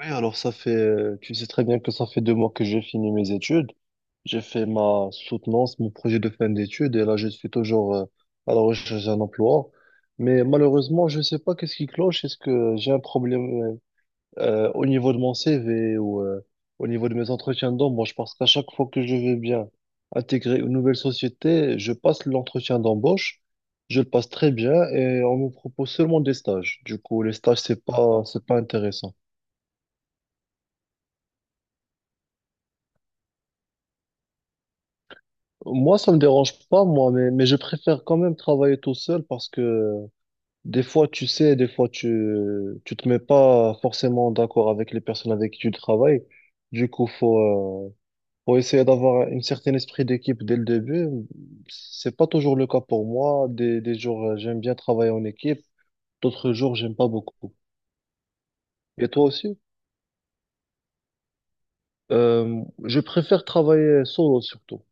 Oui, alors ça fait, tu sais très bien que ça fait 2 mois que j'ai fini mes études. J'ai fait ma soutenance, mon projet de fin d'études, et là je suis toujours à la recherche d'un emploi. Mais malheureusement, je sais pas qu'est-ce qui cloche. Est-ce que j'ai un problème au niveau de mon CV ou au niveau de mes entretiens d'embauche? Parce qu'à chaque fois que je veux bien intégrer une nouvelle société, je passe l'entretien d'embauche, je le passe très bien et on me propose seulement des stages. Du coup, les stages, c'est pas intéressant. Moi, ça me dérange pas, moi, mais je préfère quand même travailler tout seul parce que des fois, tu sais, des fois, tu te mets pas forcément d'accord avec les personnes avec qui tu travailles. Du coup, faut, euh, faut essayer d'avoir un certain esprit d'équipe dès le début. C'est pas toujours le cas pour moi. Des jours, j'aime bien travailler en équipe. D'autres jours, j'aime pas beaucoup. Et toi aussi? Je préfère travailler solo surtout.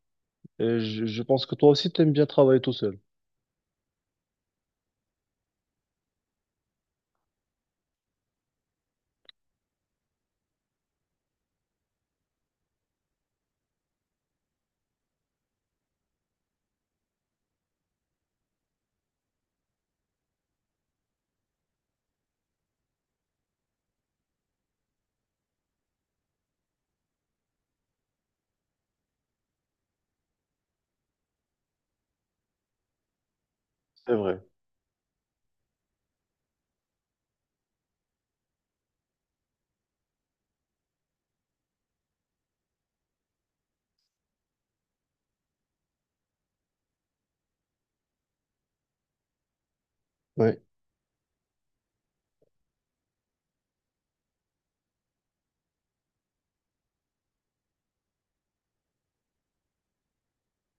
Et je pense que toi aussi, t'aimes bien travailler tout seul. C'est vrai. Oui.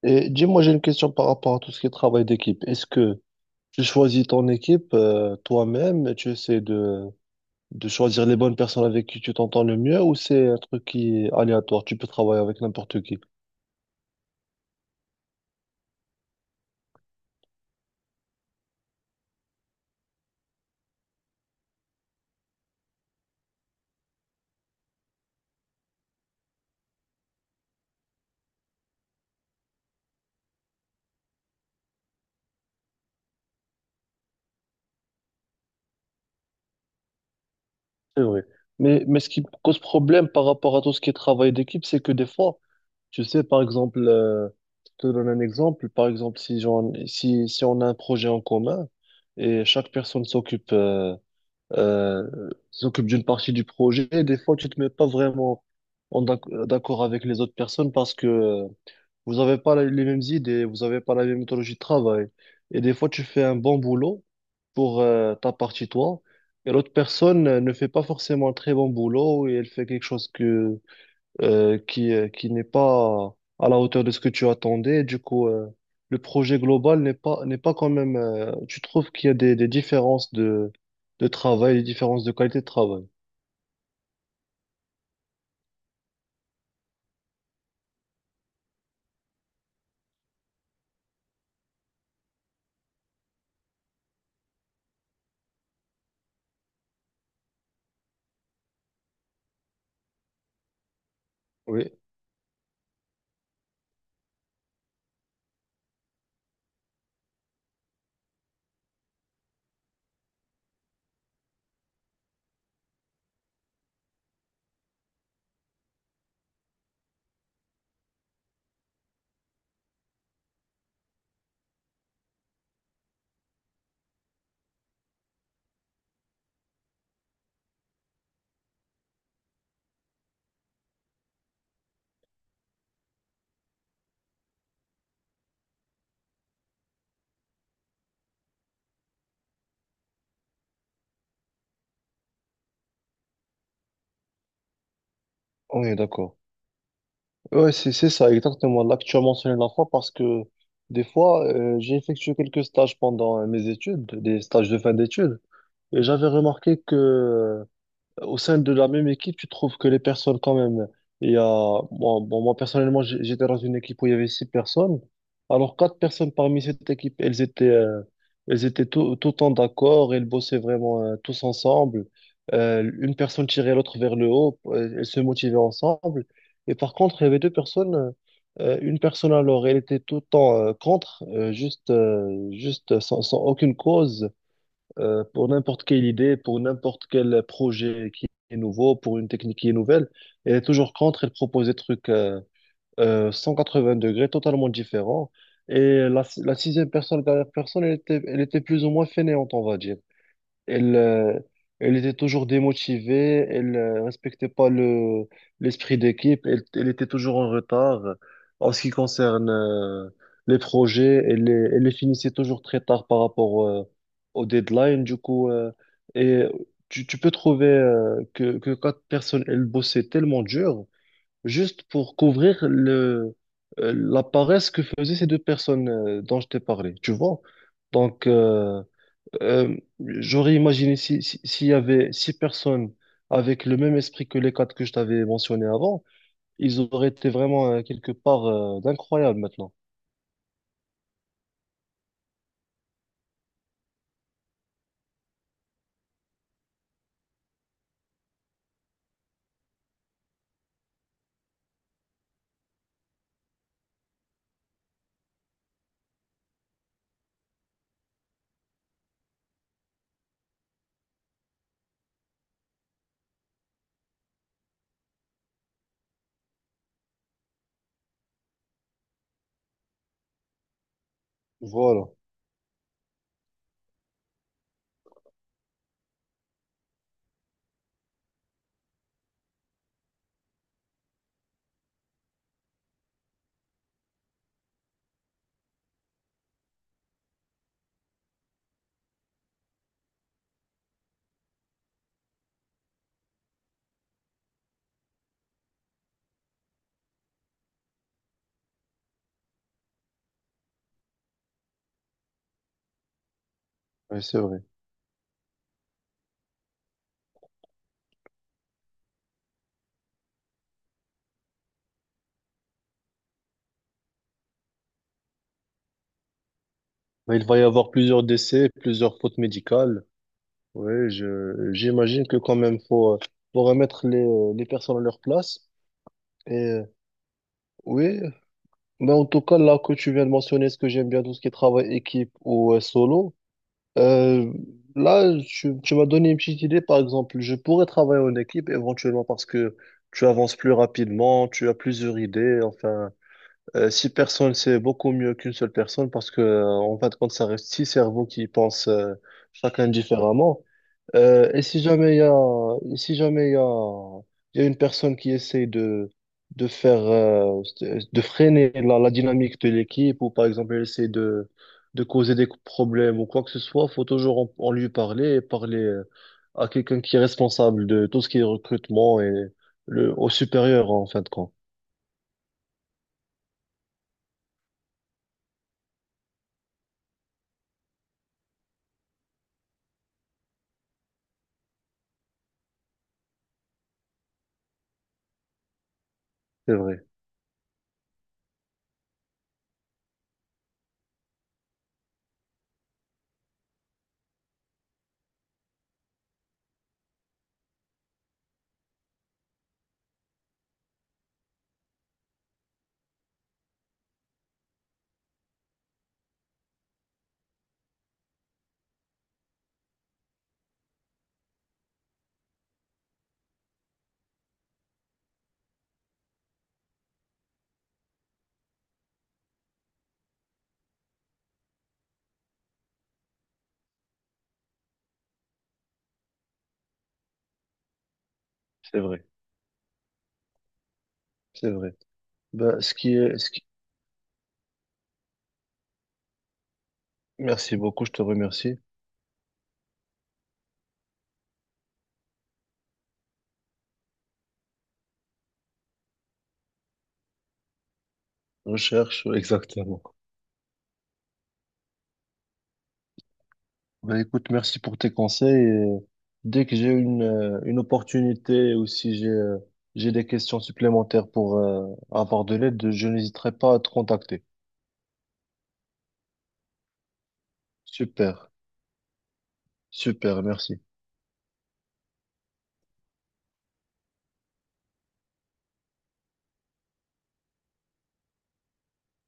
Et dis-moi, j'ai une question par rapport à tout ce qui est travail d'équipe. Est-ce que tu choisis ton équipe toi-même et tu essaies de choisir les bonnes personnes avec qui tu t'entends le mieux ou c'est un truc qui est aléatoire? Tu peux travailler avec n'importe qui. C'est vrai. Mais ce qui me cause problème par rapport à tout ce qui est travail d'équipe, c'est que des fois, tu sais, par exemple, je te donne un exemple, par exemple, si on a un projet en commun et chaque personne s'occupe euh, s'occupe d'une partie du projet, des fois, tu te mets pas vraiment en d'ac- d'accord avec les autres personnes parce que vous avez pas la- les mêmes idées, vous avez pas la même méthodologie de travail. Et des fois, tu fais un bon boulot pour ta partie, toi, et l'autre personne ne fait pas forcément un très bon boulot et elle fait quelque chose que, qui n'est pas à la hauteur de ce que tu attendais. Du coup, le projet global n'est pas quand même tu trouves qu'il y a des différences de travail, des différences de qualité de travail. Oui, on est d'accord. Ouais, c'est ça, exactement. Là que tu as mentionné la fois parce que des fois, j'ai effectué quelques stages pendant mes études, des stages de fin d'études. Et j'avais remarqué que au sein de la même équipe, tu trouves que les personnes, quand même, il y a, moi, bon, moi, personnellement, j'étais dans une équipe où il y avait 6 personnes. Alors, 4 personnes parmi cette équipe, elles étaient tout le temps d'accord, elles bossaient vraiment, tous ensemble. Une personne tirait l'autre vers le haut, elles se motivaient ensemble. Et par contre, il y avait 2 personnes, une personne alors, elle était tout le temps, contre, juste, juste sans, sans aucune cause pour n'importe quelle idée, pour n'importe quel projet qui est nouveau, pour une technique qui est nouvelle. Elle est toujours contre, elle propose des trucs 180 degrés, totalement différents. Et la sixième personne, la dernière personne, elle était plus ou moins fainéante, on va dire. Elle, elle était toujours démotivée, elle ne respectait pas le, l'esprit d'équipe, elle était toujours en retard en ce qui concerne les projets, elle les finissait toujours très tard par rapport au deadline. Du coup, et tu peux trouver que 4 personnes, elles bossaient tellement dur juste pour couvrir le, la paresse que faisaient ces 2 personnes dont je t'ai parlé, tu vois? Donc, j'aurais imaginé si, s'il y avait 6 personnes avec le même esprit que les quatre que je t'avais mentionné avant, ils auraient été vraiment quelque part d'incroyable maintenant. Voilà, ouais, c'est vrai. Mais il va y avoir plusieurs décès, plusieurs fautes médicales. Oui, j'imagine que quand même faut, faut remettre les personnes à leur place. Et oui, mais en tout cas, là que tu viens de mentionner, ce que j'aime bien, tout ce qui est travail équipe ou solo. Euh, Là, tu m'as donné une petite idée, par exemple, je pourrais travailler en équipe éventuellement parce que tu avances plus rapidement, tu as plusieurs idées, enfin. 6 personnes, c'est beaucoup mieux qu'une seule personne parce que, en fin de compte, ça reste 6 cerveaux qui pensent chacun différemment. Et si jamais il y a, et si jamais il y a, il y a une personne qui essaie de faire, de freiner la dynamique de l'équipe ou par exemple, elle essaie de causer des problèmes ou quoi que ce soit, faut toujours en, en lui parler et parler à quelqu'un qui est responsable de tout ce qui est recrutement et le, au supérieur en fin de compte. C'est vrai, c'est vrai, c'est vrai. Ben, ce qui est, ce qui- Merci beaucoup, je te remercie. Recherche, exactement. Ben, écoute, merci pour tes conseils. Et dès que j'ai une opportunité ou si j'ai j'ai des questions supplémentaires pour avoir de l'aide, je n'hésiterai pas à te contacter. Super, super, merci.